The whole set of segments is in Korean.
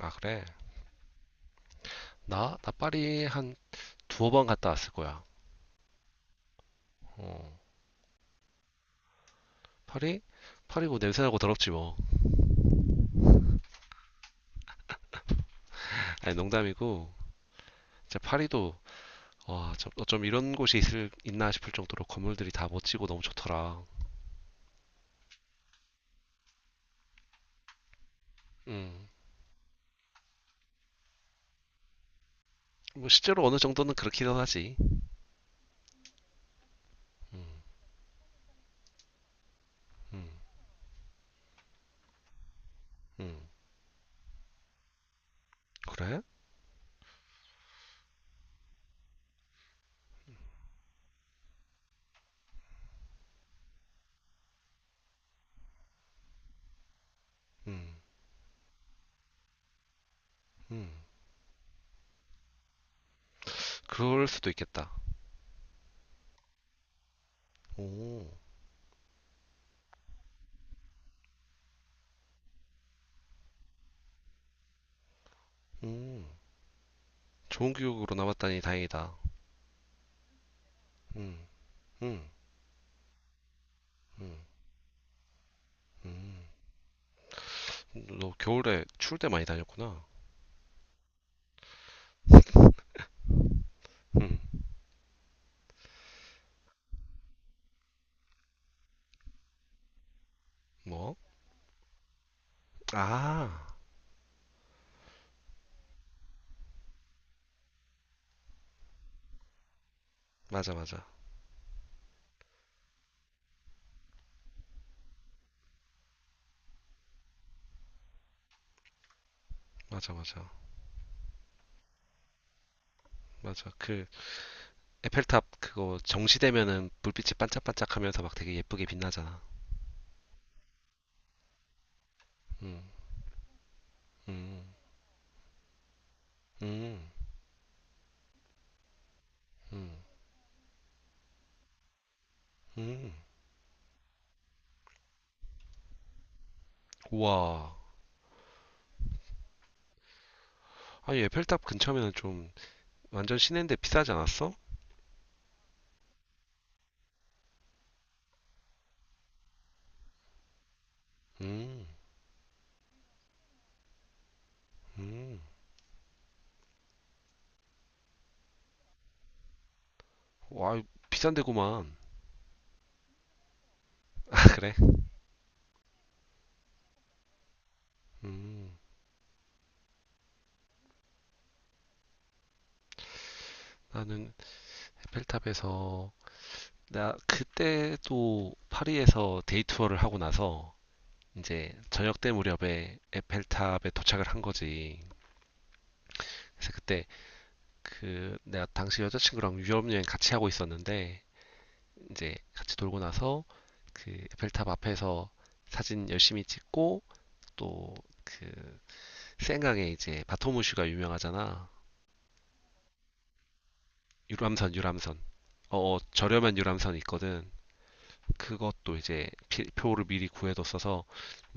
아, 그래? 나? 나 파리 한 두어 번 갔다 왔을 거야. 어, 파리? 파리고 냄새나고 더럽지 뭐. 아니, 농담이고. 진짜 파리도, 와, 어쩜 이런 곳이 있나 싶을 정도로 건물들이 다 멋지고 너무 좋더라. 음, 뭐 실제로 어느 정도는 그렇기도 하지. 음, 음, 그래? 음, 음, 그럴 수도 있겠다. 오, 음, 좋은 기억으로 남았다니 다행이다. 음, 음, 음, 음. 너 겨울에 추울 때 많이 다녔구나. 음, 뭐? 아, 맞아, 맞아. 맞아, 맞아. 맞아. 그, 에펠탑 그거 정시되면은 불빛이 반짝반짝 하면서 막 되게 예쁘게 빛나잖아. 음, 음, 음, 음, 음. 우와. 아니, 에펠탑 근처면은 좀 완전 시내인데 비싸지 않았어? 음, 음. 와, 비싼 데구만. 그래. 음, 나는 에펠탑에서, 나 그때도 파리에서 데이 투어를 하고 나서 이제 저녁 때 무렵에 에펠탑에 도착을 한 거지. 그래서 그때 그 내가 당시 여자친구랑 유럽 여행 같이 하고 있었는데 이제 같이 돌고 나서 그 에펠탑 앞에서 사진 열심히 찍고 또 그 센강에 이제 바토무슈가 유명하잖아. 유람선 유람선. 어, 어 저렴한 유람선 있거든. 그것도 이제 표를 미리 구해뒀어서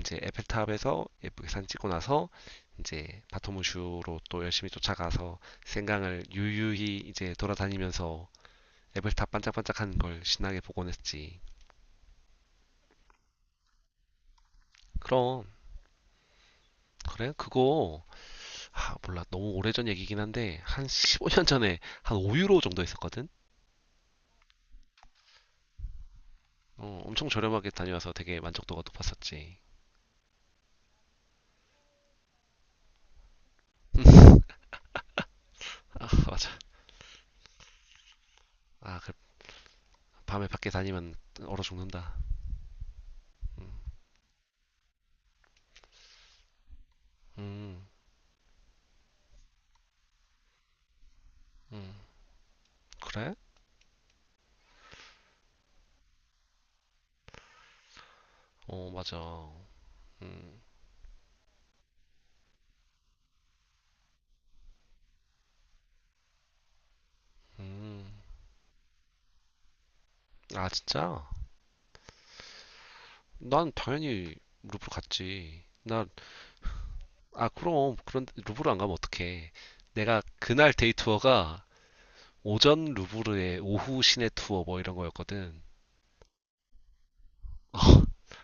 이제 에펠탑에서 예쁘게 사진 찍고 나서 이제 바토무슈로 또 열심히 쫓아가서 생강을 유유히 이제 돌아다니면서 에펠탑 반짝반짝하는 걸 신나게 보곤 했지. 그럼 그래? 그거 아, 몰라 너무 오래전 얘기긴 한데 한 15년 전에 한 5유로 정도 했었거든? 어, 엄청 저렴하게 다녀와서 되게 만족도가 높았었지. 아, 맞아. 아, 그 밤에 밖에 다니면 얼어 죽는다. 음, 그래? 어, 맞아. 음, 음. 아, 진짜? 난 당연히 루브르 갔지. 나, 아, 그럼. 그런데 루브르 안 가면 어떡해. 내가 그날 데이 투어가 오전 루브르에 오후 시내 투어 뭐 이런 거였거든.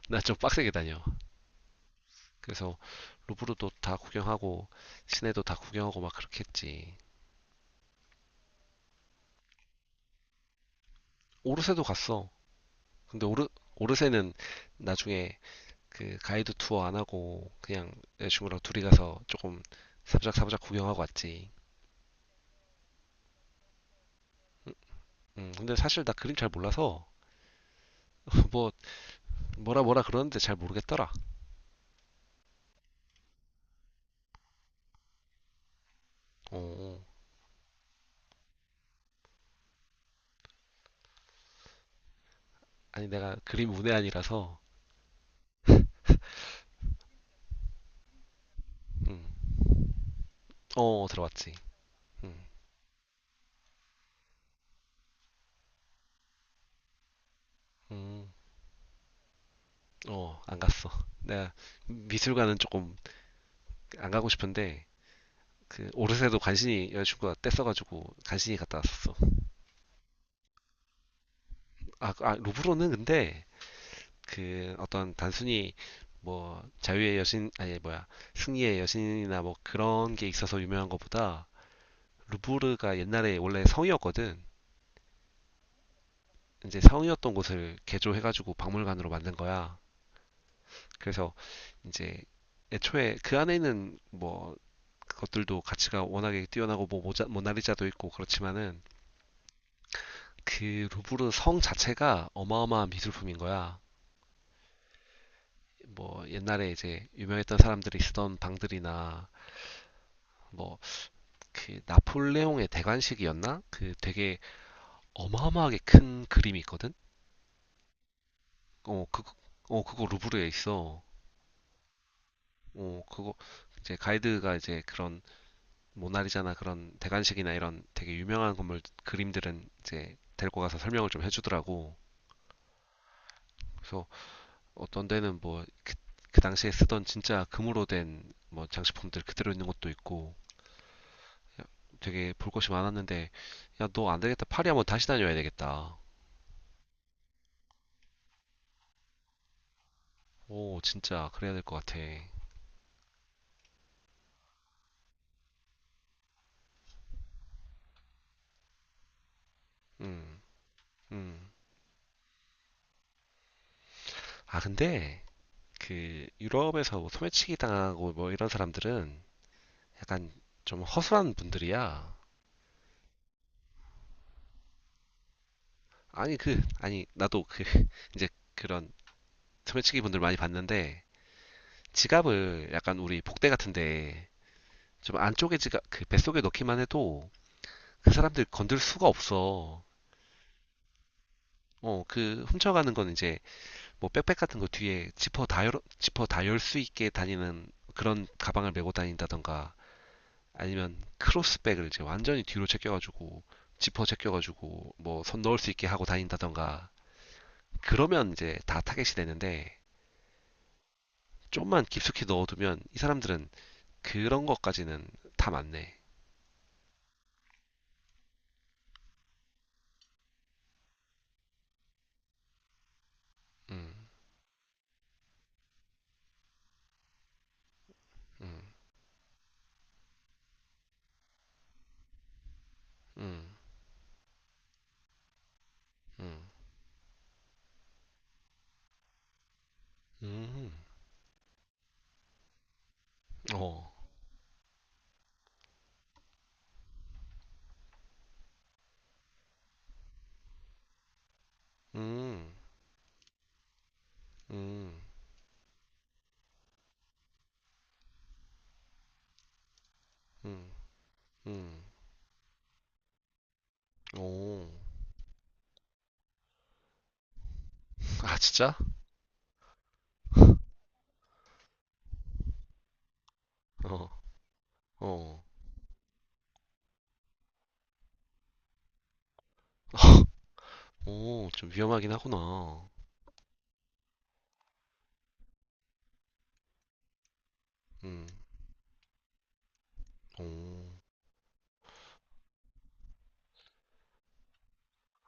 나 좀 빡세게 다녀. 그래서 루브르도 다 구경하고, 시내도 다 구경하고 막 그렇게 했지. 오르세도 갔어. 근데 오르세는 나중에 그 가이드 투어 안 하고 그냥 여자친구랑 둘이 가서 조금 사부작사부작 구경하고 왔지. 근데 사실 나 그림 잘 몰라서 뭐 뭐라 뭐라 그러는데 잘 모르겠더라. 어, 어. 아니 내가 그림 문외한이라서 음, 어 어, 들어왔지. 음, 음, 어, 안 갔어. 내가 미술관은 조금 안 가고 싶은데 그 오르세도 간신히 여자친구가 뗐어가지고 간신히 갔다 왔었어. 아, 아 루브르는 근데 그 어떤 단순히 뭐 자유의 여신 아니 뭐야 승리의 여신이나 뭐 그런 게 있어서 유명한 것보다 루브르가 옛날에 원래 성이었거든. 이제 성이었던 곳을 개조해가지고 박물관으로 만든 거야. 그래서 이제 애초에 그 안에는 뭐 것들도 가치가 워낙에 뛰어나고 뭐 모나리자도 있고 그렇지만은 그 루브르 성 자체가 어마어마한 미술품인 거야. 뭐 옛날에 이제 유명했던 사람들이 쓰던 방들이나 뭐 그 나폴레옹의 대관식이었나? 그 되게 어마어마하게 큰 그림이 있거든. 어 그거 어 그거 루브르에 있어. 어 그거 이제 가이드가 이제 그런 모나리자나 그런 대관식이나 이런 되게 유명한 건물 그림들은 이제 데리고 가서 설명을 좀 해주더라고. 그래서 어떤 데는 뭐 그 당시에 쓰던 진짜 금으로 된 뭐 장식품들 그대로 있는 것도 있고 되게 볼 것이 많았는데 야, 너 안 되겠다. 파리 한번 다시 다녀야 되겠다. 오, 진짜 그래야 될 것 같아. 음, 음. 아, 근데 그 유럽에서 뭐 소매치기 당하고 뭐 이런 사람들은 약간 좀 허술한 분들이야. 아니 그 아니 나도 그 이제 그런 소매치기 분들 많이 봤는데 지갑을 약간 우리 복대 같은데 좀 안쪽에 지갑 그 뱃속에 넣기만 해도 그 사람들 건들 수가 없어. 어, 그 훔쳐가는 건 이제 뭐 백팩 같은 거 뒤에 지퍼 다 지퍼 다 열 수 있게 다니는 그런 가방을 메고 다닌다던가 아니면 크로스백을 이제 완전히 뒤로 제껴가지고 지퍼 제껴가지고 뭐 손 넣을 수 있게 하고 다닌다던가 그러면 이제 다 타겟이 되는데 좀만 깊숙이 넣어두면 이 사람들은 그런 것까지는 다 맞네. 음, 음, 음, 음, 음, 어, 음, 음, 음, 음, 오, 아 진짜? 어, 어, 오, 좀 위험하긴 하구나. 음, 오,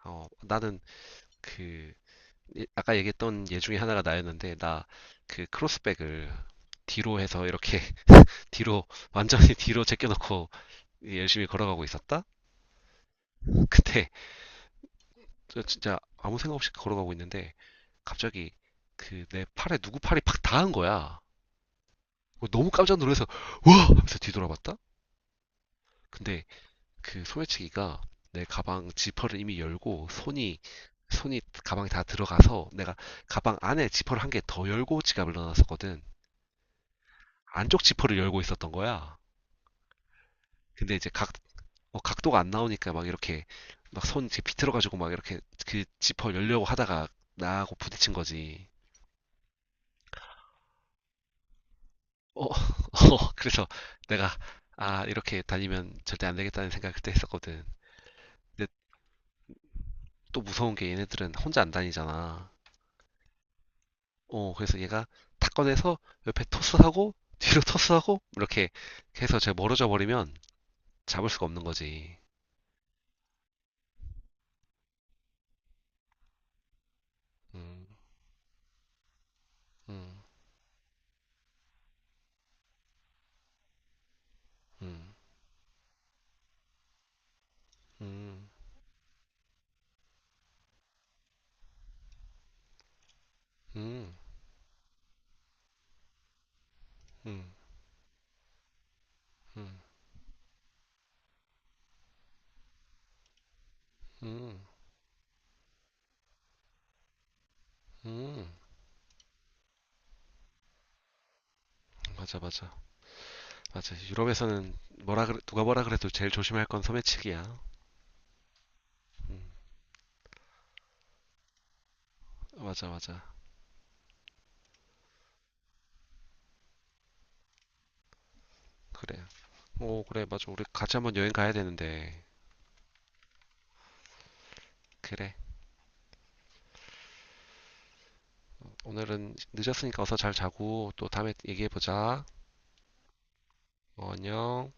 어, 나는 그 아까 얘기했던 예 중에 하나가 나였는데 나 그 크로스백을 뒤로 해서 이렇게 뒤로 완전히 뒤로 제껴놓고 열심히 걸어가고 있었다. 그때 저 진짜 아무 생각 없이 걸어가고 있는데 갑자기 그 내 팔에 누구 팔이 팍 닿은 거야. 어, 너무 깜짝 놀라서 와! 하면서 뒤돌아봤다? 근데 그 소매치기가 내 가방 지퍼를 이미 열고 손이 손이 가방에 다 들어가서 내가 가방 안에 지퍼를 한 개 더 열고 지갑을 넣어놨었거든. 안쪽 지퍼를 열고 있었던 거야. 근데 이제 각도가 안 나오니까 막 이렇게 막 손 이렇게 비틀어가지고 막 이렇게 그 지퍼 열려고 하다가 나하고 부딪힌 거지. 어, 어, 그래서 내가, 아, 이렇게 다니면 절대 안 되겠다는 생각을 그때 했었거든. 근데 또 무서운 게 얘네들은 혼자 안 다니잖아. 어, 그래서 얘가 탁 꺼내서 옆에 토스하고, 뒤로 토스하고, 이렇게 해서 제가 멀어져 버리면 잡을 수가 없는 거지. 음, 음, 음, 음, 음, 음, 음, 음. 맞아, 맞아. 맞아. 유럽에서는 뭐라 그래, 누가 뭐라 그래도 제일 조심할 건 소매치기야. 음, 맞아, 맞아. 그래. 오, 그래, 맞아. 우리 같이 한번 여행 가야 되는데. 그래. 오늘은 늦었으니까 어서 잘 자고 또 다음에 얘기해보자. 어, 안녕.